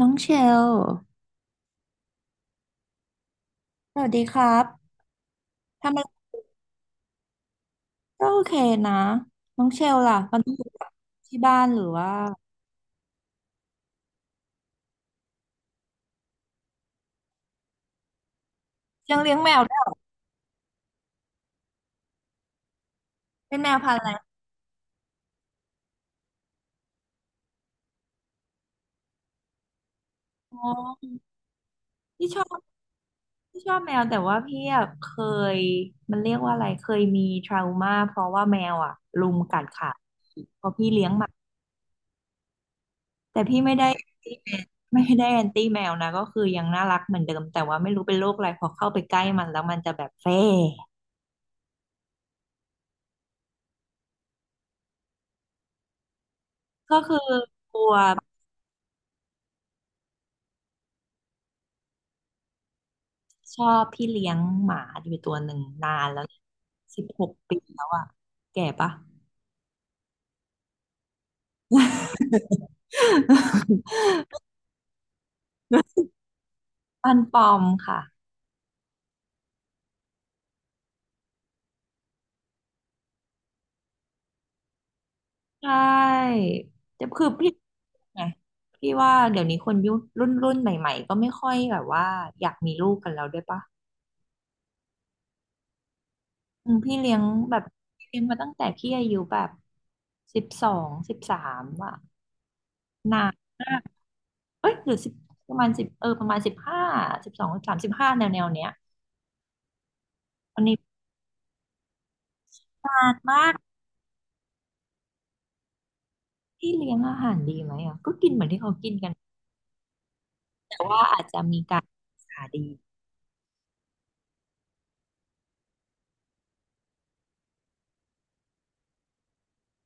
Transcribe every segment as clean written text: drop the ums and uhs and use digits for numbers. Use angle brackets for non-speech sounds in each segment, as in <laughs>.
น้องเชล สวัสดีครับ ทำไมก็โอเคนะ น้องเชลล่ะตอนนี้อยู่กับที่บ้านหรือว่ายังเลี้ยงแมวด้วยเหรอเป็นแมวพันธุ์อะไรอ๋อพี่ชอบพี่ชอบแมวแต่ว่าพี่อะเคยมันเรียกว่าอะไรเคยมีทรามาเพราะว่าแมวอ่ะรุมกัดขาเพราะพี่เลี้ยงหมาแต่พี่ไม่ได้แอนตี้แมวนะก็คือยังน่ารักเหมือนเดิมแต่ว่าไม่รู้เป็นโรคอะไรพอเข้าไปใกล้มันแล้วมันจะแบบเฟ่ก็คือกลัว ชอบพี่เลี้ยงหมาอยู่ตัวหนึ่งนานแล้ว16 ปีแล้วอ่ะแก่ปะปันปอมค่ะใช่แต่คือพี่ไงพี่ว่าเดี๋ยวนี้คนยุครุ่นใหม่ๆก็ไม่ค่อยแบบว่าอยากมีลูกกันแล้วด้วยปะอืมแบบพี่เลี้ยงมาตั้งแต่พี่อายุแบบสิบสองสิบสามอ่ะนานมากเอ้ยหรือสิบประมาณสิบประมาณสิบห้า12 13 15แนวแนวๆเนี้ยอันนี้นานมาก ที่เลี้ยงอาหารดีไหมอ่ะก็กินเหมือนที่เขากินกันแต่ว่าอาจจะมีการหาดี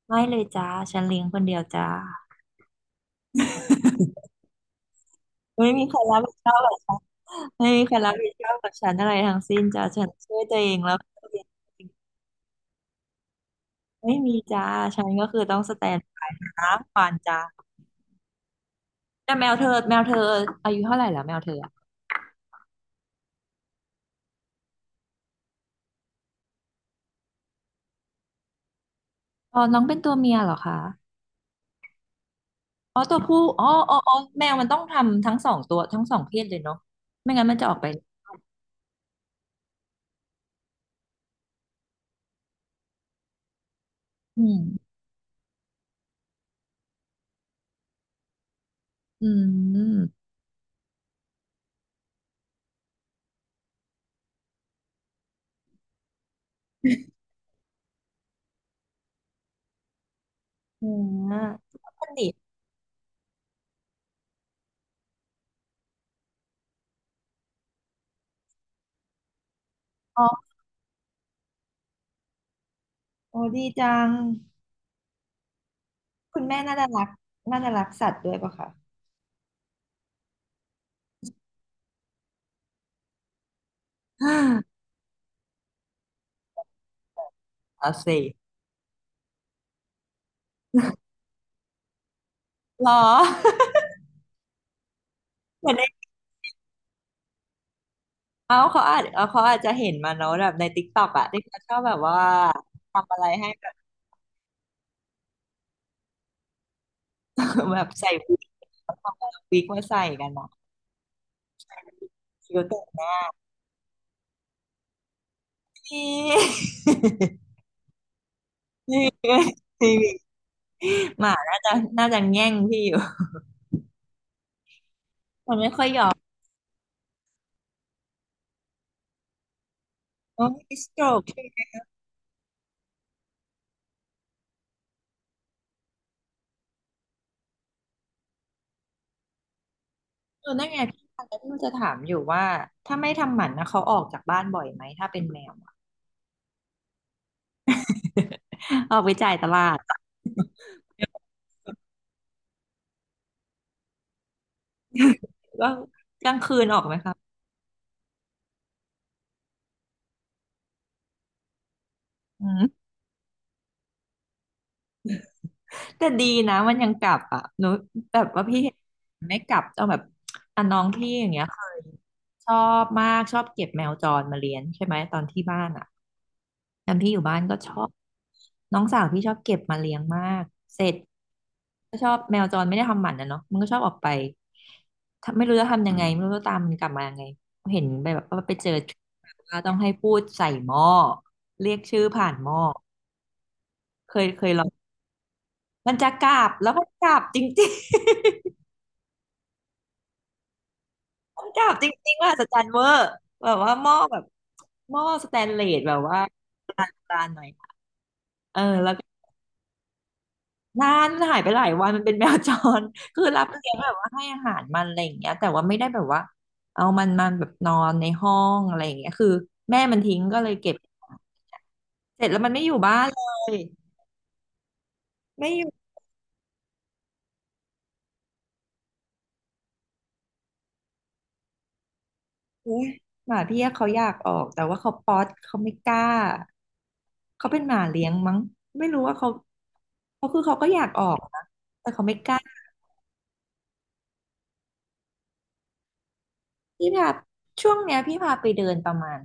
ไม่เลยจ้าฉันเลี้ยงคนเดียวจ้าไม่มีใครรับผิดชอบหรอกจ้าไม่มีใครรับผิดชอบกับฉันอะไรทั้งสิ้นจ้าฉันช่วยตัวเองแล้วไม่มีจ้าฉันก็คือต้องสแตนบายนะฟานจ้าแต่แมวเธออายุเท่าไหร่แล้วแมวเธออะอ๋อน้องเป็นตัวเมียเหรอคะอ๋อตัวผู้อ๋ออ๋ออ๋อแมวมันต้องทำทั้งสองตัวทั้งสองเพศเลยเนาะไม่งั้นมันจะออกไปอืมอืม อืมนั่นดิอ๋อโอ้ดีจัง คุณแม่น่าจะรักน่าจะรักสัตว์ด้วยป่ะคะอ่าเอาสิหรอเหมือนในเอาเขาอาจจะเห็นมาเนอะแบบในติ๊กต็อกอะที่เขาชอบแบบว่าทำอะไรให้แบบ <laughs> แบบใส่วิกเขาทำเอาวิกมาใส่กันเนาะคิวเตอร์พี่มี่ <laughs> พีหมาน่าจะน่าจะแง่งพี่อยู่มันไม่ค่อยยอมโอ้ยสโตรก เออนั่นไงพี่ฟังแล้วพี่นจะถามอยู่ว่าถ้าไม่ทำหมันนะเขาออกจากบ้านบ่อยไหมถ้าเป็นแมวอะ <laughs> ออกไปจ่ายตลาดก็กลางคืนออกไหมคะอืมแต่ดีนะมันยังกลับอ่ะหนูแบบว่าพี่เห็นไม่กลับเอาแบบอ่ะน้องพี่อย่างเงี้ยเคยชอชอบเก็บแมวจรมาเลี้ยงใช่ไหมตอนที่บ้านอ่ะ ตอนที่อยู่บ้านก็ชอบน้องสาวพี่ชอบเก็บมาเลี้ยงมากเสร็จก็ชอบแมวจรไม่ได้ทำหมันนะเนาะมันก็ชอบออกไปถ้าไม่รู้จะทำยังไงไม่รู้จะตามมันกลับมายังไงเห็นไปแบบว่าไปเจอว่าต้องให้พูดใส่หม้อเรียกชื่อผ่านหม้อเคยลองมันจะกราบแล้วมันกราบจริงๆ <laughs> มันกราบจริงๆว่าสจันเวอร์แบบว่าหม้อสแตนเลสแบบว่าโบราณหน่อยเออแล้วก็ นานมันหายไปหลายวันมันเป็นแมวจร <laughs> คือรับเลี้ยงแบบว่าให้อาหารมันอะไรอย่างเงี้ยแต่ว่าไม่ได้แบบว่าเอามันมาแบบนอนในห้องอะไรอย่างเงี้ยคือแม่มันทิ้งก็เลยเก็บเสร็จแล้วมันไม่อยู่บ้านเลยไม่อยู่เลยหมาพี่เขาอยากออกแต่ว่าเขาป๊อตเขาไม่กล้าเขาเป็นหมาเลี้ยงมั้งไม่รู้ว่าเขาเขาคือเขาก็อยากออกนะแต่เขาไม่กล้า พี่พาช่วงเนี้ยพี่พาไปเดินประมาณ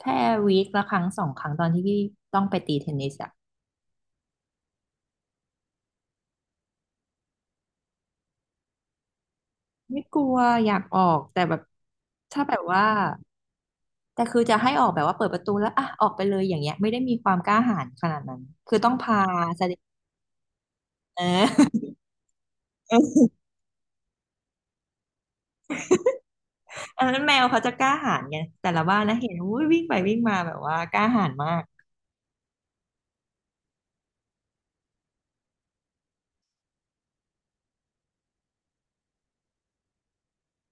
แค่วีคละครั้ง2 ครั้งตอนที่พี่ต้องไปตีเทนนิสอะไม่กลัวอยากออกแต่แบบถ้าแบบว่าแต่คือจะให้ออกแบบว่าเปิดประตูแล้วอ่ะออกไปเลยอย่างเงี้ยไม่ได้มีความกล้าหาญขนาดนั้นคือต้องพาแสดงเออ <laughs> อันนั้นแมวเขาจะกล้าหาญไงแต่ละบ้านนะเห็นอุ้ยวิ่งไปวิ่งมาแบบว่ากล้าหาญมาก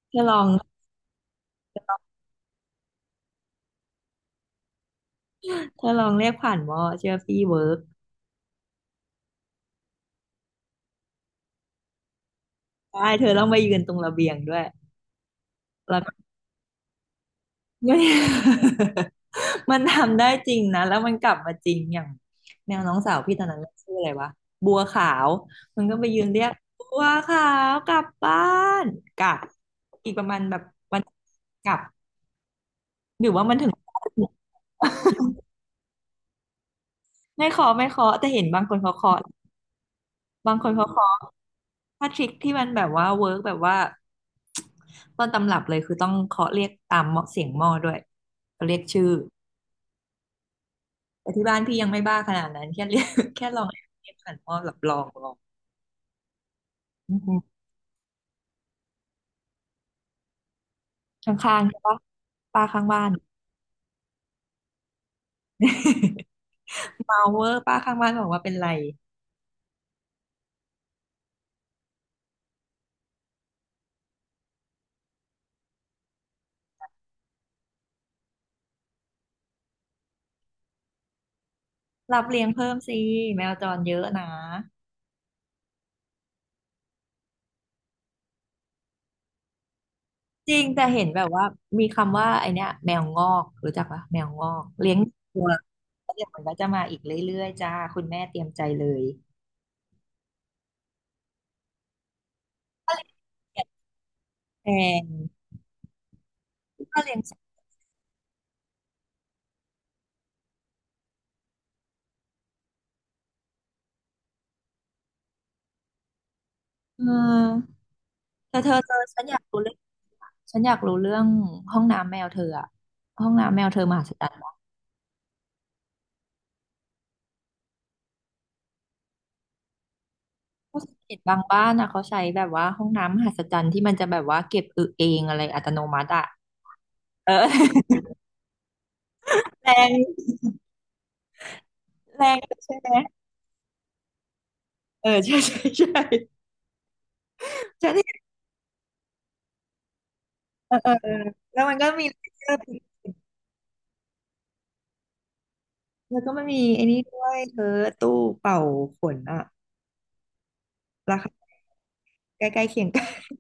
เธอลองเธอลองเรียกผ่านวอเชื่อพี่เวิร์กได้เธอต้องไปยืนตรงระเบียงด้วย <laughs> ไม่ <laughs> มันทำได้จริงนะแล้วมันกลับมาจริงอย่างแมวน้องสาวพี่ตอนนั้นมันชื่ออะไรวะบัวขาวมันก็ไปยืนเรียกบัวขาวกลับบ้านกลับอีกประมาณแบบวันกลับไม่เคาะไม่เคาะแต่เห็นบางคนเขาเคาะบางคนเขาเคาะถ้าทริคที่มันแบบว่าเวิร์กแบบว่าต้นตำรับเลยคือต้องเคาะเรียกตามเหมาะเสียงหม้อด้วยเขาเรียกชื่อแต่ที่บ้านพี่ยังไม่บ้าขนาดนั้นแค่เรียก <laughs> แค่ลองเรียกผ่านหม้อแบบลองอืม ข้างๆใช่ปะป้าข้างบ้าน <laughs> เมาเวอร์ป้าข้างบ้านบอกว่าเป็นไรรับเลี้ยงเพิ่มสิแมวจรเยอะนะจริงแต่เห็นแบบว่ามีคำว่าไอเนี้ยแมวงอกรู้จักปะแมวงอกเลี้ยงตัวแล้วเดี๋ยวมันก็จะมาอีกเรื่อยๆจ้าคุณแม่เตรียมใจเลยถ้าเลี้ยงแกะแพงถ้าเลี้ยงสัตว์เออเธอฉันอยากรู้เรื่องฉันอยากรู้เรื่องห้องน้ำแมวเธออะห้องน้ำแมวเธอมหัศจรรย์ เพราะสังเกตบางบ้านอ่ะเขาใช้แบบว่าห้องน้ำมหัศจรรย์ที่มันจะแบบว่าเก็บอึเองอะไรอัตโนมัติอ่ะเออแรงแรงใช่ไหมเออใช่ใช่ใช่ฉันเห็นเออเออเออแล้วมันก็มีเสื้อผิดแล้วก็มันมีไอ้นี่ด้วยเธอตู้เป่าขนอ่ะราคาใกล้ๆเคียงกัน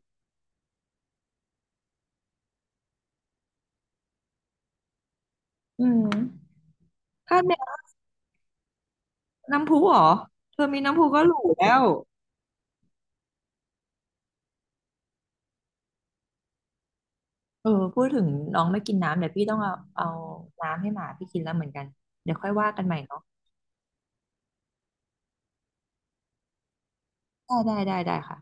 อืมถ้าแมวน้ำพุเหรอเธอมีน้ำพุก็หรูแล้วเออพูดถึงน้องไม่กินน้ำเดี๋ยวพี่ต้องเอาน้ำให้หมาพี่กินแล้วเหมือนกันเดี๋ยวค่อยว่ากันใหม่เนาะได้ได้ได้ได้ค่ะ